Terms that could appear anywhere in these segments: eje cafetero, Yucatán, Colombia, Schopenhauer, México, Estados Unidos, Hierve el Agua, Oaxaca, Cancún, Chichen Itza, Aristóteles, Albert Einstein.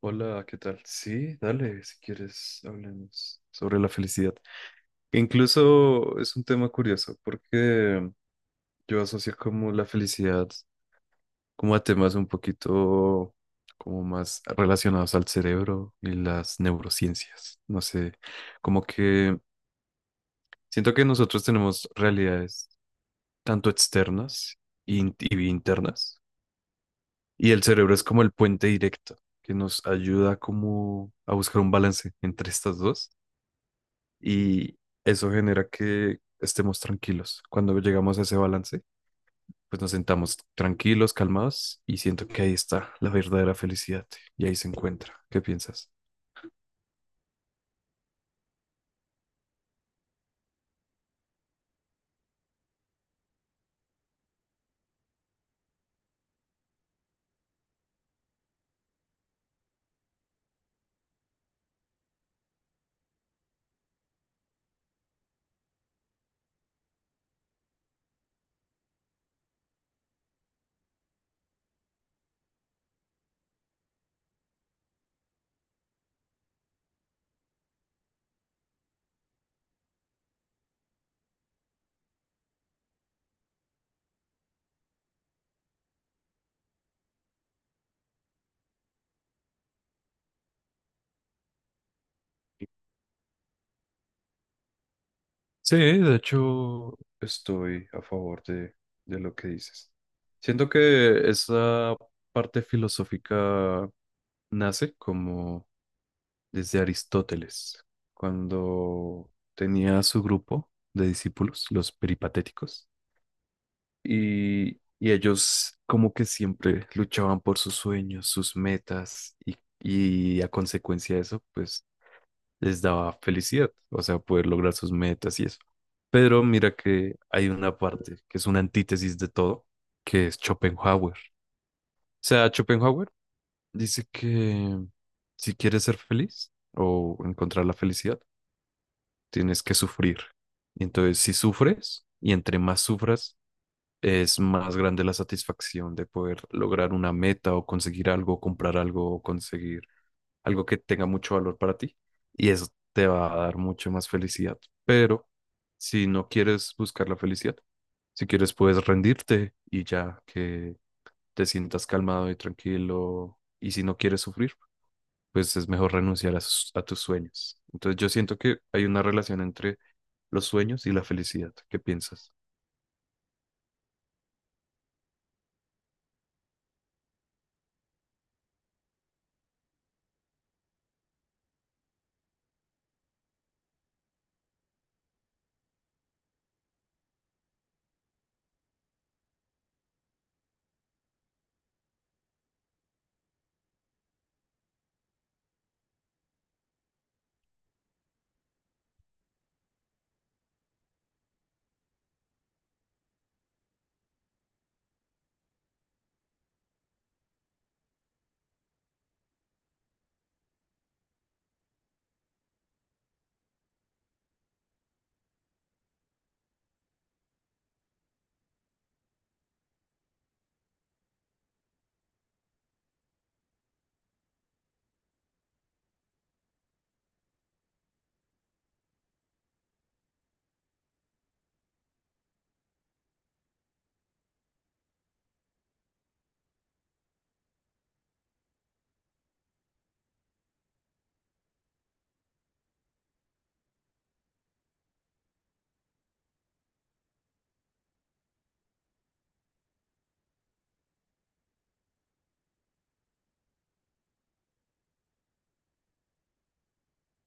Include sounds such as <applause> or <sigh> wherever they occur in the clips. Hola, ¿qué tal? Sí, dale, si quieres, hablemos sobre la felicidad. Incluso es un tema curioso porque yo asocio como la felicidad como a temas un poquito como más relacionados al cerebro y las neurociencias. No sé, como que siento que nosotros tenemos realidades tanto externas y internas y el cerebro es como el puente directo que nos ayuda como a buscar un balance entre estas dos y eso genera que estemos tranquilos. Cuando llegamos a ese balance, pues nos sentamos tranquilos, calmados y siento que ahí está la verdadera felicidad y ahí se encuentra. ¿Qué piensas? Sí, de hecho, estoy a favor de lo que dices. Siento que esa parte filosófica nace como desde Aristóteles, cuando tenía su grupo de discípulos, los peripatéticos. Y ellos como que siempre luchaban por sus sueños, sus metas y a consecuencia de eso, pues les daba felicidad, o sea, poder lograr sus metas y eso. Pero mira que hay una parte que es una antítesis de todo, que es Schopenhauer. O sea, Schopenhauer dice que si quieres ser feliz o encontrar la felicidad, tienes que sufrir. Y entonces, si sufres y entre más sufras, es más grande la satisfacción de poder lograr una meta o conseguir algo, comprar algo o conseguir algo que tenga mucho valor para ti y eso te va a dar mucho más felicidad. Pero si no quieres buscar la felicidad, si quieres puedes rendirte y ya que te sientas calmado y tranquilo y si no quieres sufrir, pues es mejor renunciar a tus sueños. Entonces yo siento que hay una relación entre los sueños y la felicidad. ¿Qué piensas?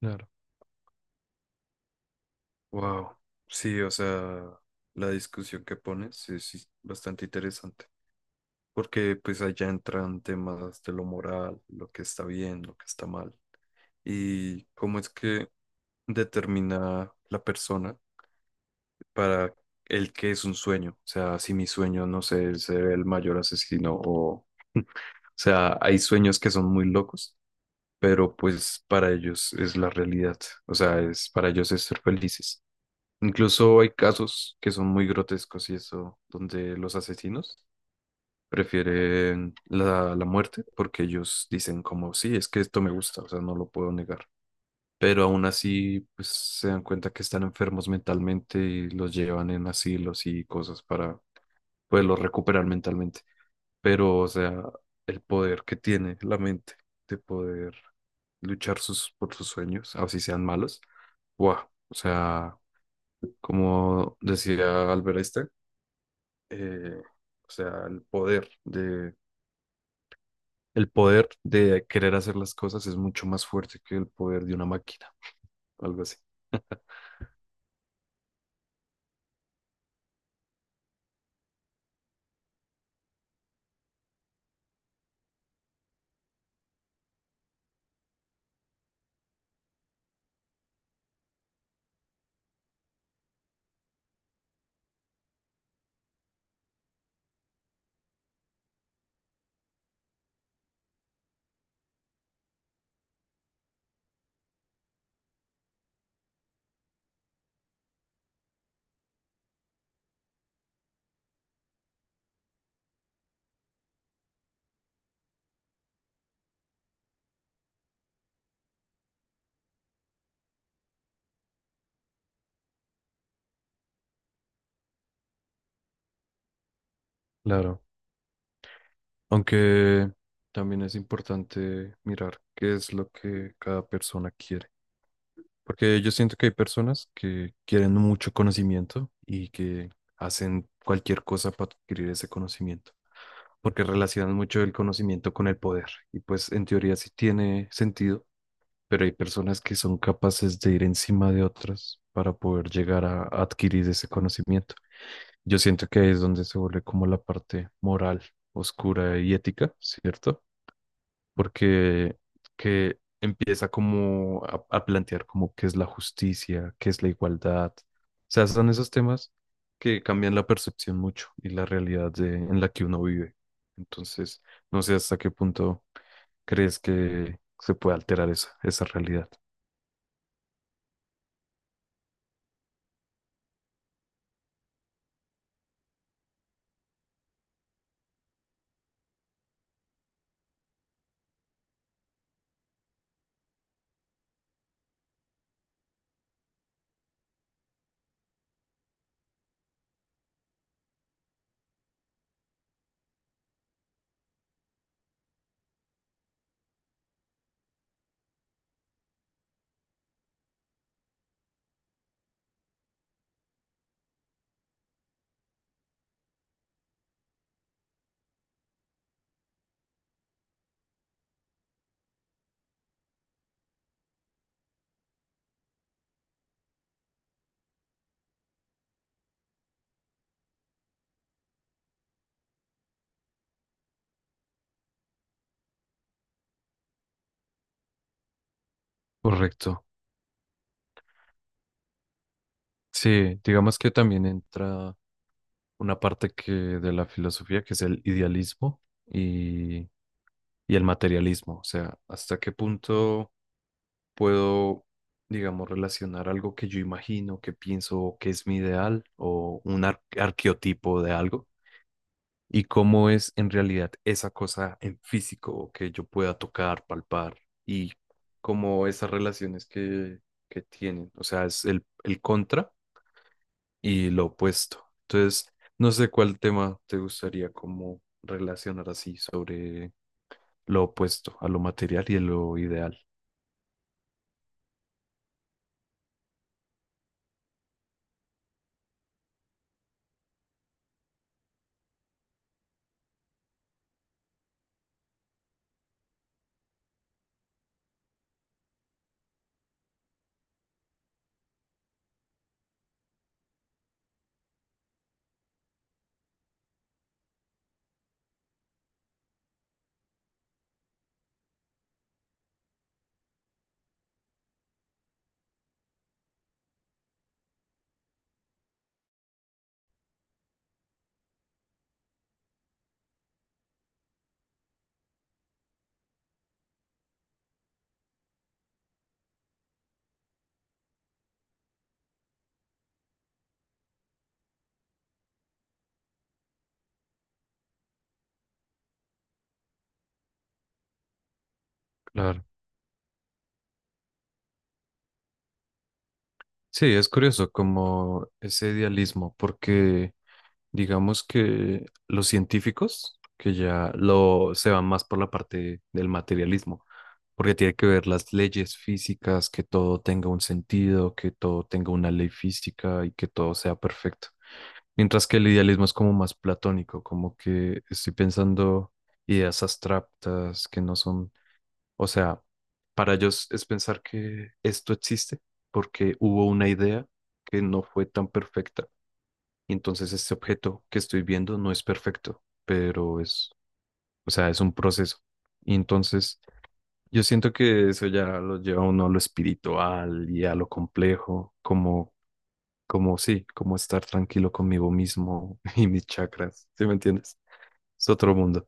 Claro. Wow, sí, o sea, la discusión que pones es bastante interesante, porque pues allá entran temas de lo moral, lo que está bien, lo que está mal, y cómo es que determina la persona para el que es un sueño, o sea, si mi sueño, no sé, es ser el mayor asesino o, <laughs> o sea, hay sueños que son muy locos, pero pues para ellos es la realidad, o sea, es para ellos es ser felices. Incluso hay casos que son muy grotescos y eso, donde los asesinos prefieren la muerte porque ellos dicen como, sí, es que esto me gusta, o sea, no lo puedo negar. Pero aún así, pues se dan cuenta que están enfermos mentalmente y los llevan en asilos y cosas para poderlos recuperar mentalmente. Pero, o sea, el poder que tiene la mente de poder luchar por sus sueños, así sean malos, wow, o sea, como decía Albert Einstein, eh, o sea, el poder de querer hacer las cosas es mucho más fuerte que el poder de una máquina, algo así. <laughs> Claro, aunque también es importante mirar qué es lo que cada persona quiere, porque yo siento que hay personas que quieren mucho conocimiento y que hacen cualquier cosa para adquirir ese conocimiento porque relacionan mucho el conocimiento con el poder. Y pues en teoría sí tiene sentido, pero hay personas que son capaces de ir encima de otras para poder llegar a adquirir ese conocimiento. Yo siento que ahí es donde se vuelve como la parte moral, oscura y ética, ¿cierto? Porque que empieza como a plantear como qué es la justicia, qué es la igualdad. O sea, son esos temas que cambian la percepción mucho y la realidad en la que uno vive. Entonces, no sé hasta qué punto crees que se puede alterar esa realidad. Correcto. Sí, digamos que también entra una parte que de la filosofía que es el idealismo y, y el materialismo. O sea, hasta qué punto puedo, digamos, relacionar algo que yo imagino, que pienso que es mi ideal o un arqueotipo de algo y cómo es en realidad esa cosa en físico que yo pueda tocar, palpar y cómo esas relaciones que tienen. O sea, es el contra y lo opuesto. Entonces, no sé cuál tema te gustaría como relacionar así sobre lo opuesto a lo material y a lo ideal. Claro. Sí, es curioso como ese idealismo, porque digamos que los científicos que ya lo se van más por la parte del materialismo, porque tiene que ver las leyes físicas, que todo tenga un sentido, que todo tenga una ley física y que todo sea perfecto. Mientras que el idealismo es como más platónico, como que estoy pensando ideas abstractas que no son, o sea, para ellos es pensar que esto existe porque hubo una idea que no fue tan perfecta. Y entonces este objeto que estoy viendo no es perfecto, pero es, o sea, es un proceso. Y entonces yo siento que eso ya lo lleva a uno a lo espiritual y a lo complejo, como como sí, como estar tranquilo conmigo mismo <laughs> y mis chakras, ¿sí me entiendes? Es otro mundo.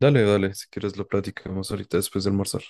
Dale, dale, si quieres lo platicamos ahorita después de almorzar.